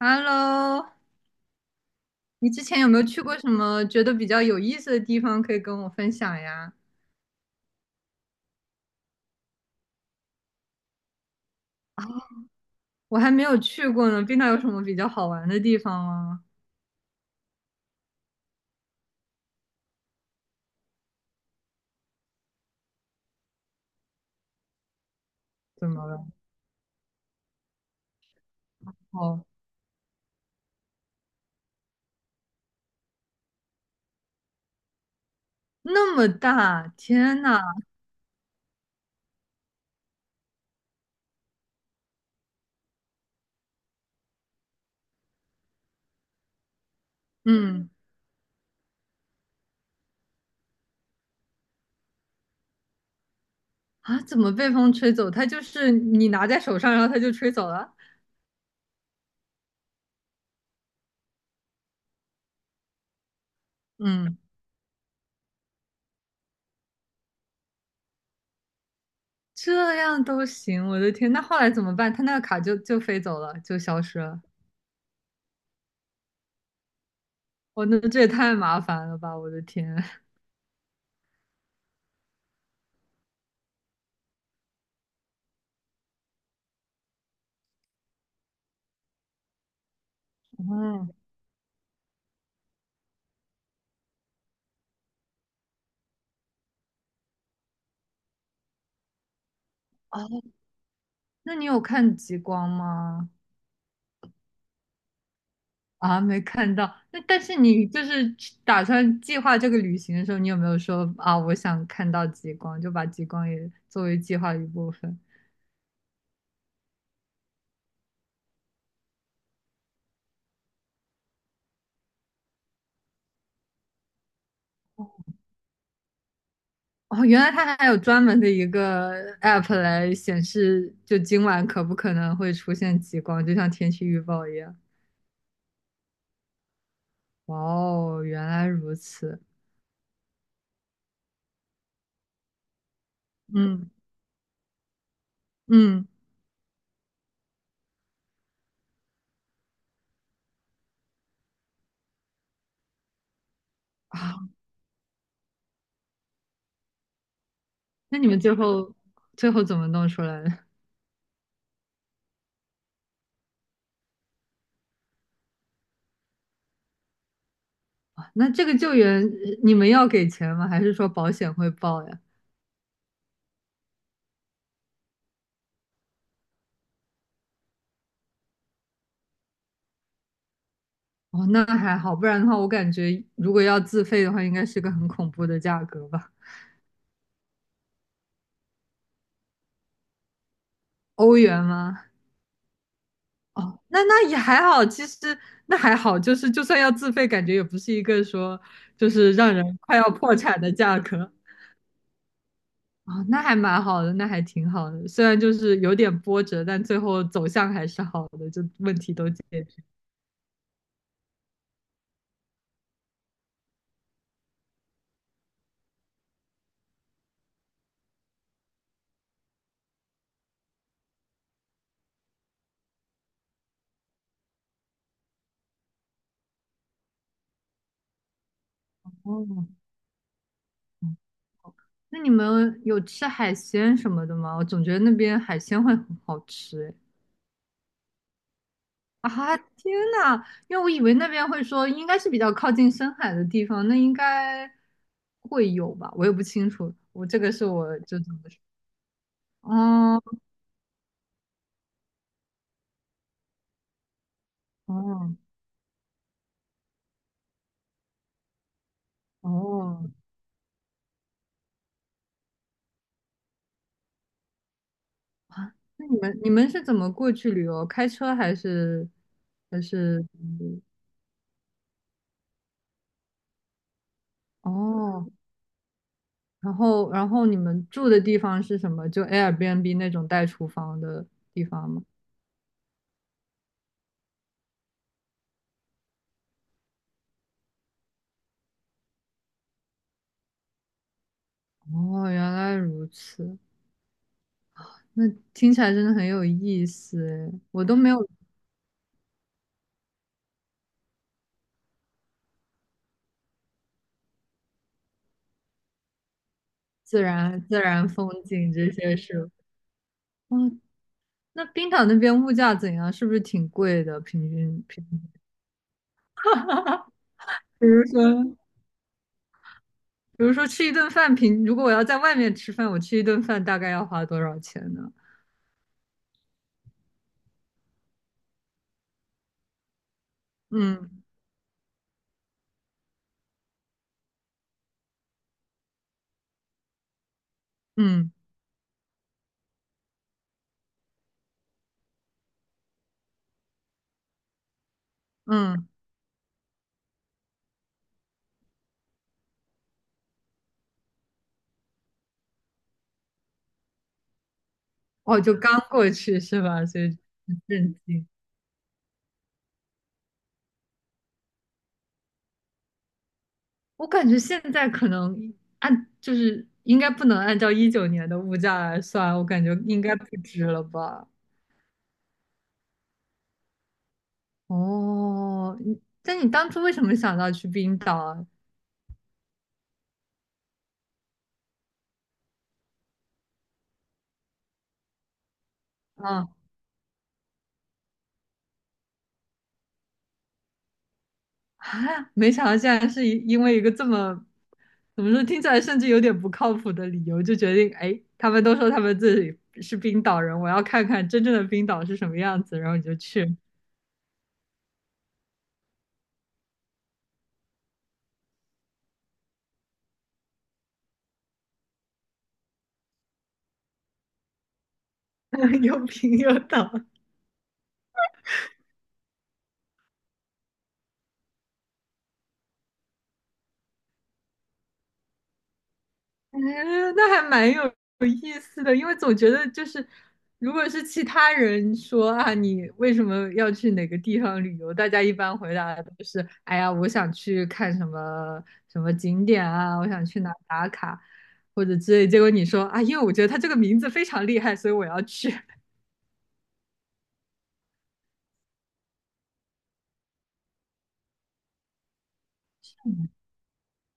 Hello，你之前有没有去过什么觉得比较有意思的地方，可以跟我分享呀？啊，我还没有去过呢，冰岛有什么比较好玩的地方吗？怎么了？哦，那么大，天呐，嗯，啊，怎么被风吹走？它就是你拿在手上，然后它就吹走了。嗯，这样都行，我的天，那后来怎么办？它那个卡就飞走了，就消失了。我那这也太麻烦了吧，我的天。嗯，哦，那你有看极光吗？啊，没看到。那但是你就是去打算计划这个旅行的时候，你有没有说啊，我想看到极光，就把极光也作为计划的一部分？哦，原来它还有专门的一个 app 来显示，就今晚可不可能会出现极光，就像天气预报一样。哇哦，原来如此。嗯嗯，那你们最后怎么弄出来的？啊那这个救援你们要给钱吗？还是说保险会报呀？哦，那还好，不然的话，我感觉如果要自费的话，应该是个很恐怖的价格吧？欧元吗？哦，那也还好，其实那还好，就是就算要自费，感觉也不是一个说就是让人快要破产的价格。哦，那还蛮好的，那还挺好的，虽然就是有点波折，但最后走向还是好的，就问题都解决。哦，嗯那你们有吃海鲜什么的吗？我总觉得那边海鲜会很好吃诶。啊，天呐，因为我以为那边会说应该是比较靠近深海的地方，那应该会有吧，我也不清楚，我这个是我就怎么说，哦哦哦啊，那你们是怎么过去旅游？开车还是还是哦？然后你们住的地方是什么？就 Airbnb 那种带厨房的地方吗？哦，原来如此。那听起来真的很有意思诶，我都没有自然风景这些是。哦，那冰岛那边物价怎样？是不是挺贵的？平均，比如说，比如说吃一顿饭，如果我要在外面吃饭，我吃一顿饭大概要花多少钱呢？嗯嗯嗯，哦，就刚过去是吧？所以很震惊。我感觉现在可能就是应该不能按照一九年的物价来算，我感觉应该不止了吧。哦，但你当初为什么想到去冰岛啊？啊啊，没想到竟然是因为一个这么，怎么说，听起来甚至有点不靠谱的理由，就决定，哎，他们都说他们自己是冰岛人，我要看看真正的冰岛是什么样子，然后你就去，又冰又岛。嗯，那还蛮有意思的，因为总觉得就是，如果是其他人说啊，你为什么要去哪个地方旅游，大家一般回答的都是，哎呀，我想去看什么什么景点啊，我想去哪打卡，或者之类。结果你说啊，因为我觉得它这个名字非常厉害，所以我要去。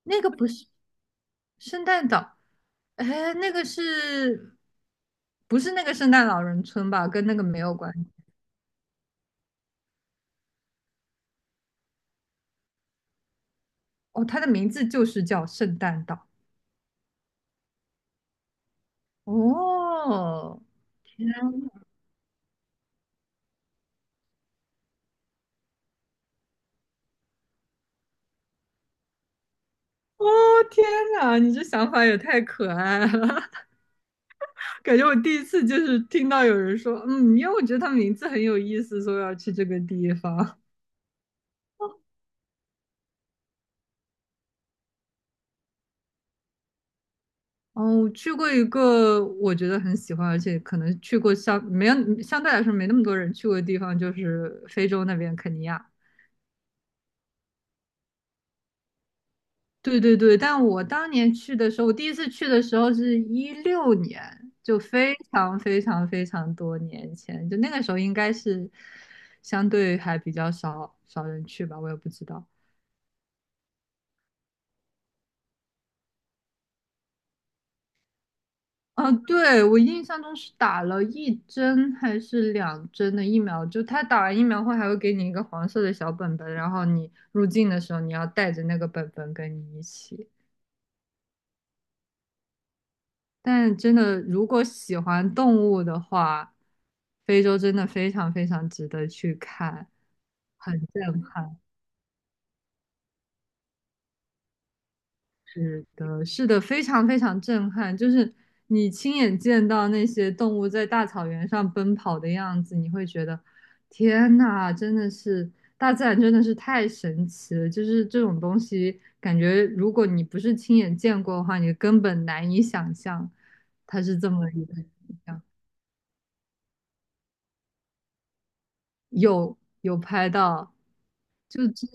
那个不是圣诞岛，哎，那个是不是那个圣诞老人村吧？跟那个没有关系。哦，它的名字就是叫圣诞岛。哦，哦，天哪，你这想法也太可爱了，感觉我第一次就是听到有人说，嗯，因为我觉得他名字很有意思，所以我要去这个地方。哦，我去过一个我觉得很喜欢，而且可能去过相没有相对来说没那么多人去过的地方，就是非洲那边肯尼亚。对对对，但我当年去的时候，我第一次去的时候是一六年，就非常非常非常多年前，就那个时候应该是相对还比较少人去吧，我也不知道。啊，对，我印象中是打了一针还是两针的疫苗，就他打完疫苗后还会给你一个黄色的小本本，然后你入境的时候你要带着那个本本跟你一起。但真的，如果喜欢动物的话，非洲真的非常非常值得去看，很震撼。是的，是的，非常非常震撼。就是你亲眼见到那些动物在大草原上奔跑的样子，你会觉得，天呐，真的是大自然真的是太神奇了。就是这种东西，感觉如果你不是亲眼见过的话，你根本难以想象它是这么一个景象。有拍到，就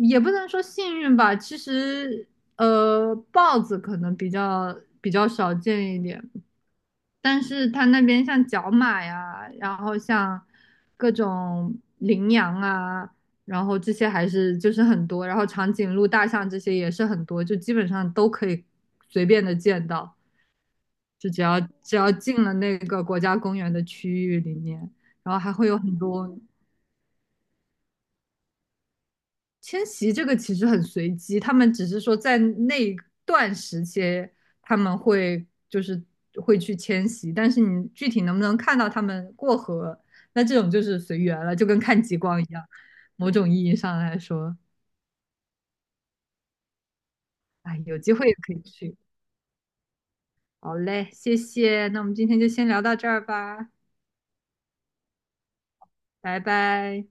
也不能说幸运吧。其实，豹子可能比较少见一点，但是它那边像角马呀，然后像各种羚羊啊，然后这些还是就是很多，然后长颈鹿、大象这些也是很多，就基本上都可以随便的见到，就只要进了那个国家公园的区域里面，然后还会有很多。迁徙这个其实很随机，他们只是说在那一段时间他们会就是会去迁徙，但是你具体能不能看到他们过河，那这种就是随缘了，就跟看极光一样。某种意义上来说，哎，有机会也可以去。好嘞，谢谢，那我们今天就先聊到这儿吧，拜拜。